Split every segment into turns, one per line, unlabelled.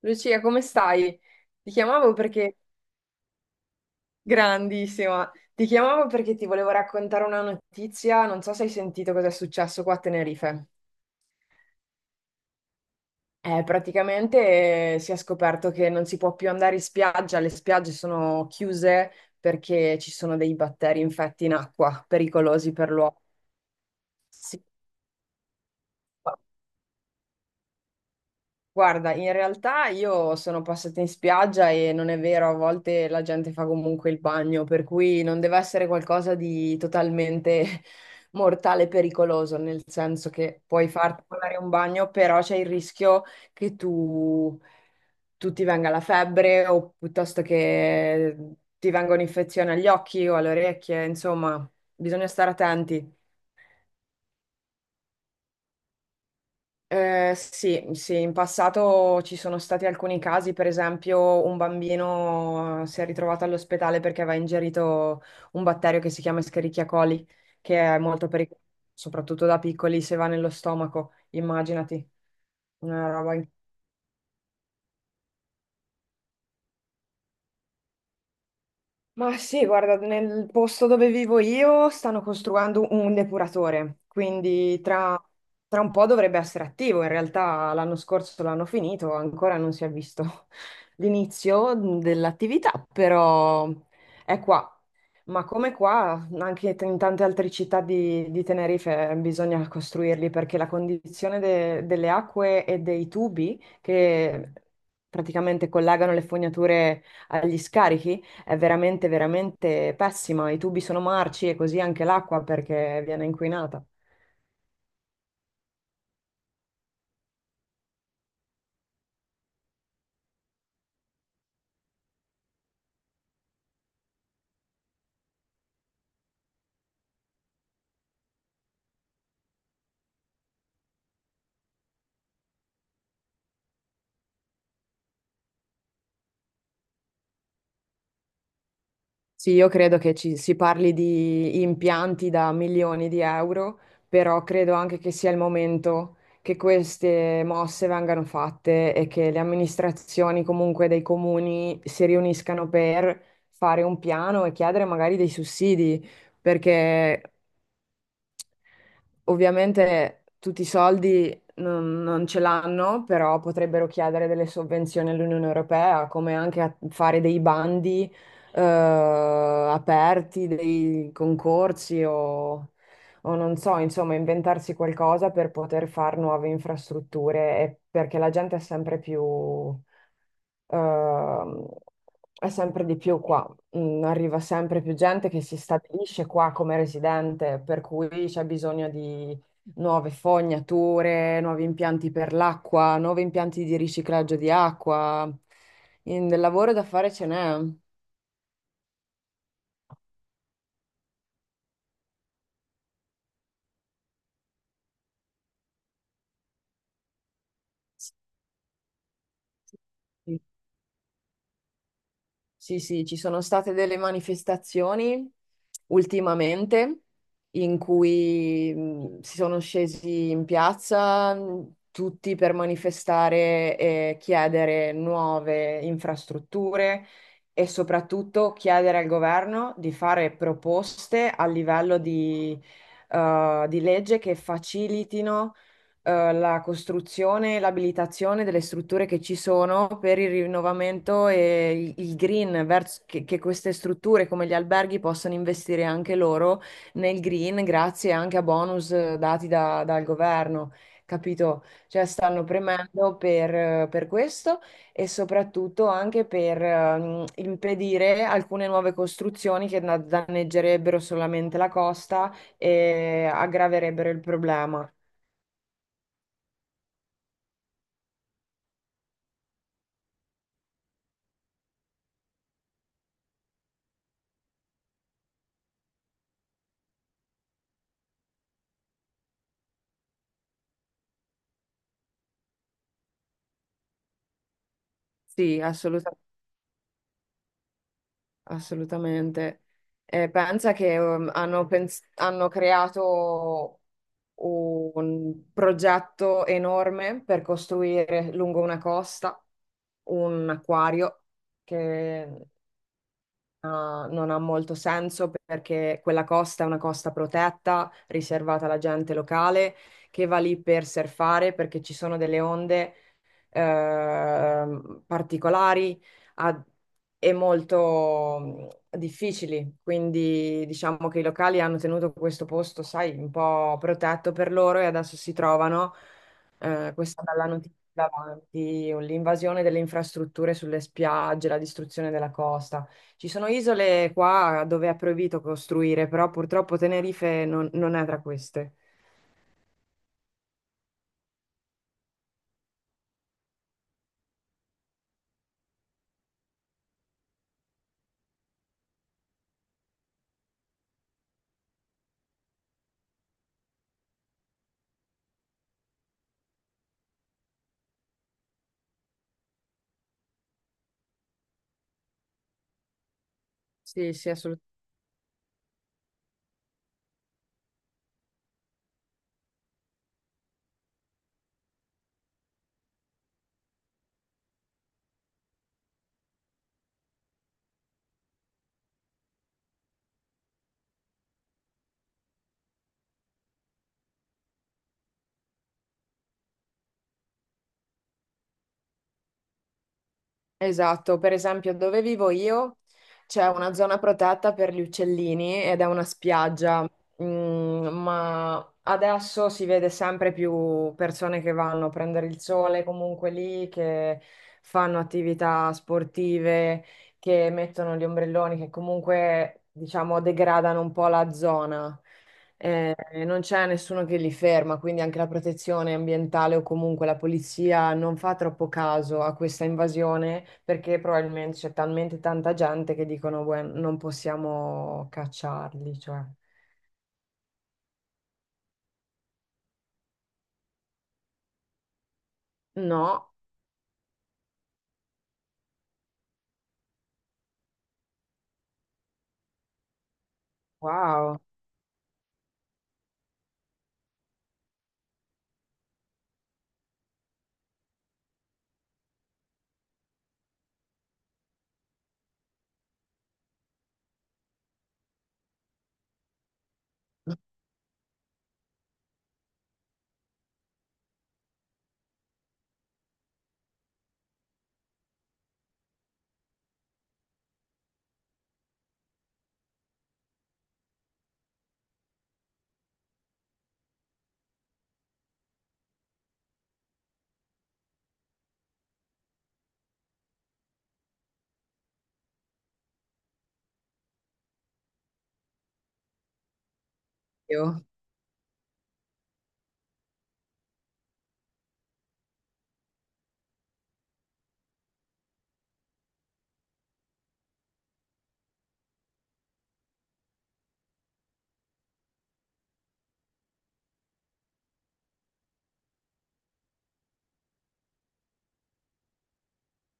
Lucia, come stai? Ti chiamavo perché... Grandissima! Ti chiamavo perché ti volevo raccontare una notizia, non so se hai sentito cosa è successo qua a Tenerife. Praticamente, si è scoperto che non si può più andare in spiaggia, le spiagge sono chiuse perché ci sono dei batteri infetti in acqua, pericolosi per l'uomo. Sì. Guarda, in realtà io sono passata in spiaggia e non è vero, a volte la gente fa comunque il bagno, per cui non deve essere qualcosa di totalmente mortale e pericoloso, nel senso che puoi farti fare un bagno, però c'è il rischio che tu ti venga la febbre o piuttosto che ti venga un'infezione agli occhi o alle orecchie, insomma, bisogna stare attenti. Sì, sì, in passato ci sono stati alcuni casi, per esempio un bambino si è ritrovato all'ospedale perché aveva ingerito un batterio che si chiama Escherichia coli, che è molto pericoloso, soprattutto da piccoli, se va nello stomaco, immaginati, una roba. Ma sì, guarda, nel posto dove vivo io stanno costruendo un depuratore, quindi tra un po' dovrebbe essere attivo. In realtà l'anno scorso l'hanno finito, ancora non si è visto l'inizio dell'attività, però è qua. Ma come qua, anche in tante altre città di Tenerife bisogna costruirli perché la condizione delle acque e dei tubi che praticamente collegano le fognature agli scarichi è veramente, veramente pessima. I tubi sono marci e così anche l'acqua perché viene inquinata. Sì, io credo che ci si parli di impianti da milioni di euro, però credo anche che sia il momento che queste mosse vengano fatte e che le amministrazioni comunque dei comuni si riuniscano per fare un piano e chiedere magari dei sussidi, perché ovviamente tutti i soldi non ce l'hanno, però potrebbero chiedere delle sovvenzioni all'Unione Europea, come anche a fare dei bandi aperti, dei concorsi o non so, insomma, inventarsi qualcosa per poter fare nuove infrastrutture, perché la gente è sempre più, ehm, è sempre di più qua, mm, arriva sempre più gente che si stabilisce qua come residente, per cui c'è bisogno di nuove fognature, nuovi impianti per l'acqua, nuovi impianti di riciclaggio di acqua. Del lavoro da fare ce n'è. Sì, sì, ci sono state delle manifestazioni ultimamente in cui si sono scesi in piazza tutti per manifestare e chiedere nuove infrastrutture e soprattutto chiedere al governo di fare proposte a livello di legge che facilitino la costruzione e l'abilitazione delle strutture che ci sono per il rinnovamento e il green, verso, che queste strutture come gli alberghi possano investire anche loro nel green grazie anche a bonus dati dal governo. Capito? Cioè stanno premendo per questo e soprattutto anche per impedire alcune nuove costruzioni che danneggerebbero solamente la costa e aggraverebbero il problema. Sì, assolutamente. Pensa che hanno creato un progetto enorme per costruire lungo una costa un acquario che ah, non ha molto senso perché quella costa è una costa protetta, riservata alla gente locale che va lì per surfare perché ci sono delle onde particolari a- e molto mm, difficili. Quindi diciamo che i locali hanno tenuto questo posto, sai, un po' protetto per loro e adesso si trovano questa bella notizia davanti, l'invasione delle infrastrutture sulle spiagge, la distruzione della costa. Ci sono isole qua dove è proibito costruire, però purtroppo Tenerife non è tra queste. Sì, sì, assolutamente. Esatto, per esempio dove vivo io c'è una zona protetta per gli uccellini ed è una spiaggia, mm, ma adesso si vede sempre più persone che vanno a prendere il sole comunque lì, che fanno attività sportive, che mettono gli ombrelloni, che comunque diciamo degradano un po' la zona, eh, non c'è nessuno che li ferma, quindi anche la protezione ambientale o comunque la polizia non fa troppo caso a questa invasione perché probabilmente c'è talmente tanta gente che dicono, "Beh, non possiamo cacciarli, cioè." No, wow, Dio,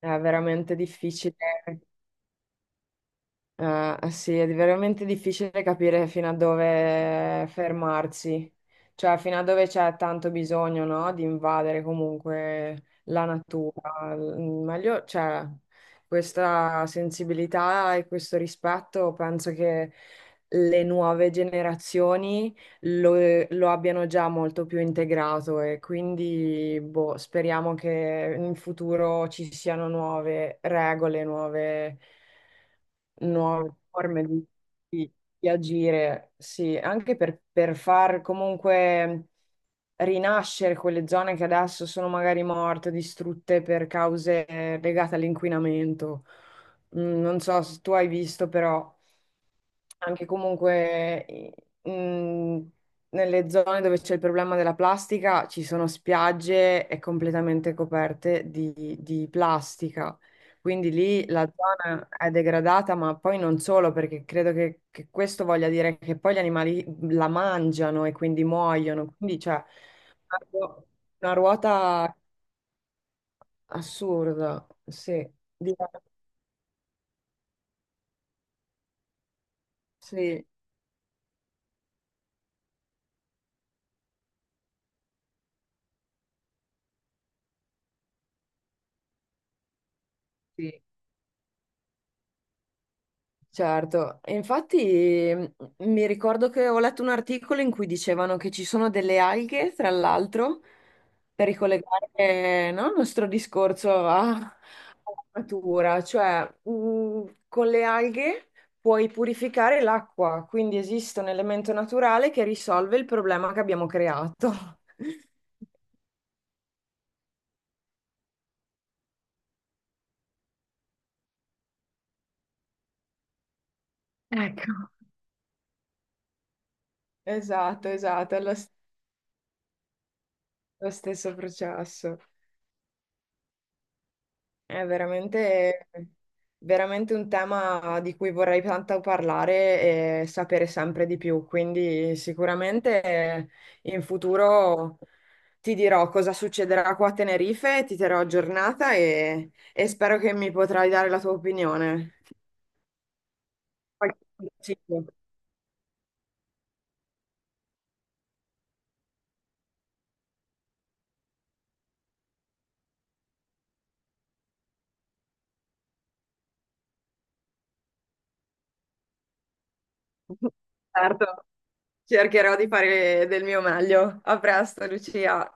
è veramente difficile. Sì, è veramente difficile capire fino a dove fermarsi, cioè fino a dove c'è tanto bisogno, no, di invadere comunque la natura. Mm, meglio, cioè, questa sensibilità e questo rispetto penso che le nuove generazioni lo abbiano già molto più integrato e quindi boh, speriamo che in futuro ci siano nuove regole, nuove forme di- di agire, sì, anche per far comunque rinascere quelle zone che adesso sono magari morte, distrutte per cause legate all'inquinamento. Mm, non so se tu hai visto, però anche comunque mh, nelle zone dove c'è il problema della plastica ci sono spiagge e completamente coperte di plastica. Quindi lì la zona è degradata, ma poi non solo, perché credo che questo voglia dire che poi gli animali la mangiano e quindi muoiono. Quindi c'è una ruo- una ruota assurda. Sì, Di- sì, sì. Certo, e infatti mm, mi ricordo che ho letto un articolo in cui dicevano che ci sono delle alghe, tra l'altro, per ricollegare, no, il nostro discorso alla natura, cioè mm, con le alghe puoi purificare l'acqua, quindi esiste un elemento naturale che risolve il problema che abbiamo creato. Ecco. Esatto, esatto, lo stesso processo. È veramente, veramente un tema di cui vorrei tanto parlare e sapere sempre di più, quindi sicuramente in futuro ti dirò cosa succederà qua a Tenerife, ti terrò aggiornata e spero che mi potrai dare la tua opinione. Qualche consiglio. Certo, cercherò di fare del mio meglio. A presto, Lucia.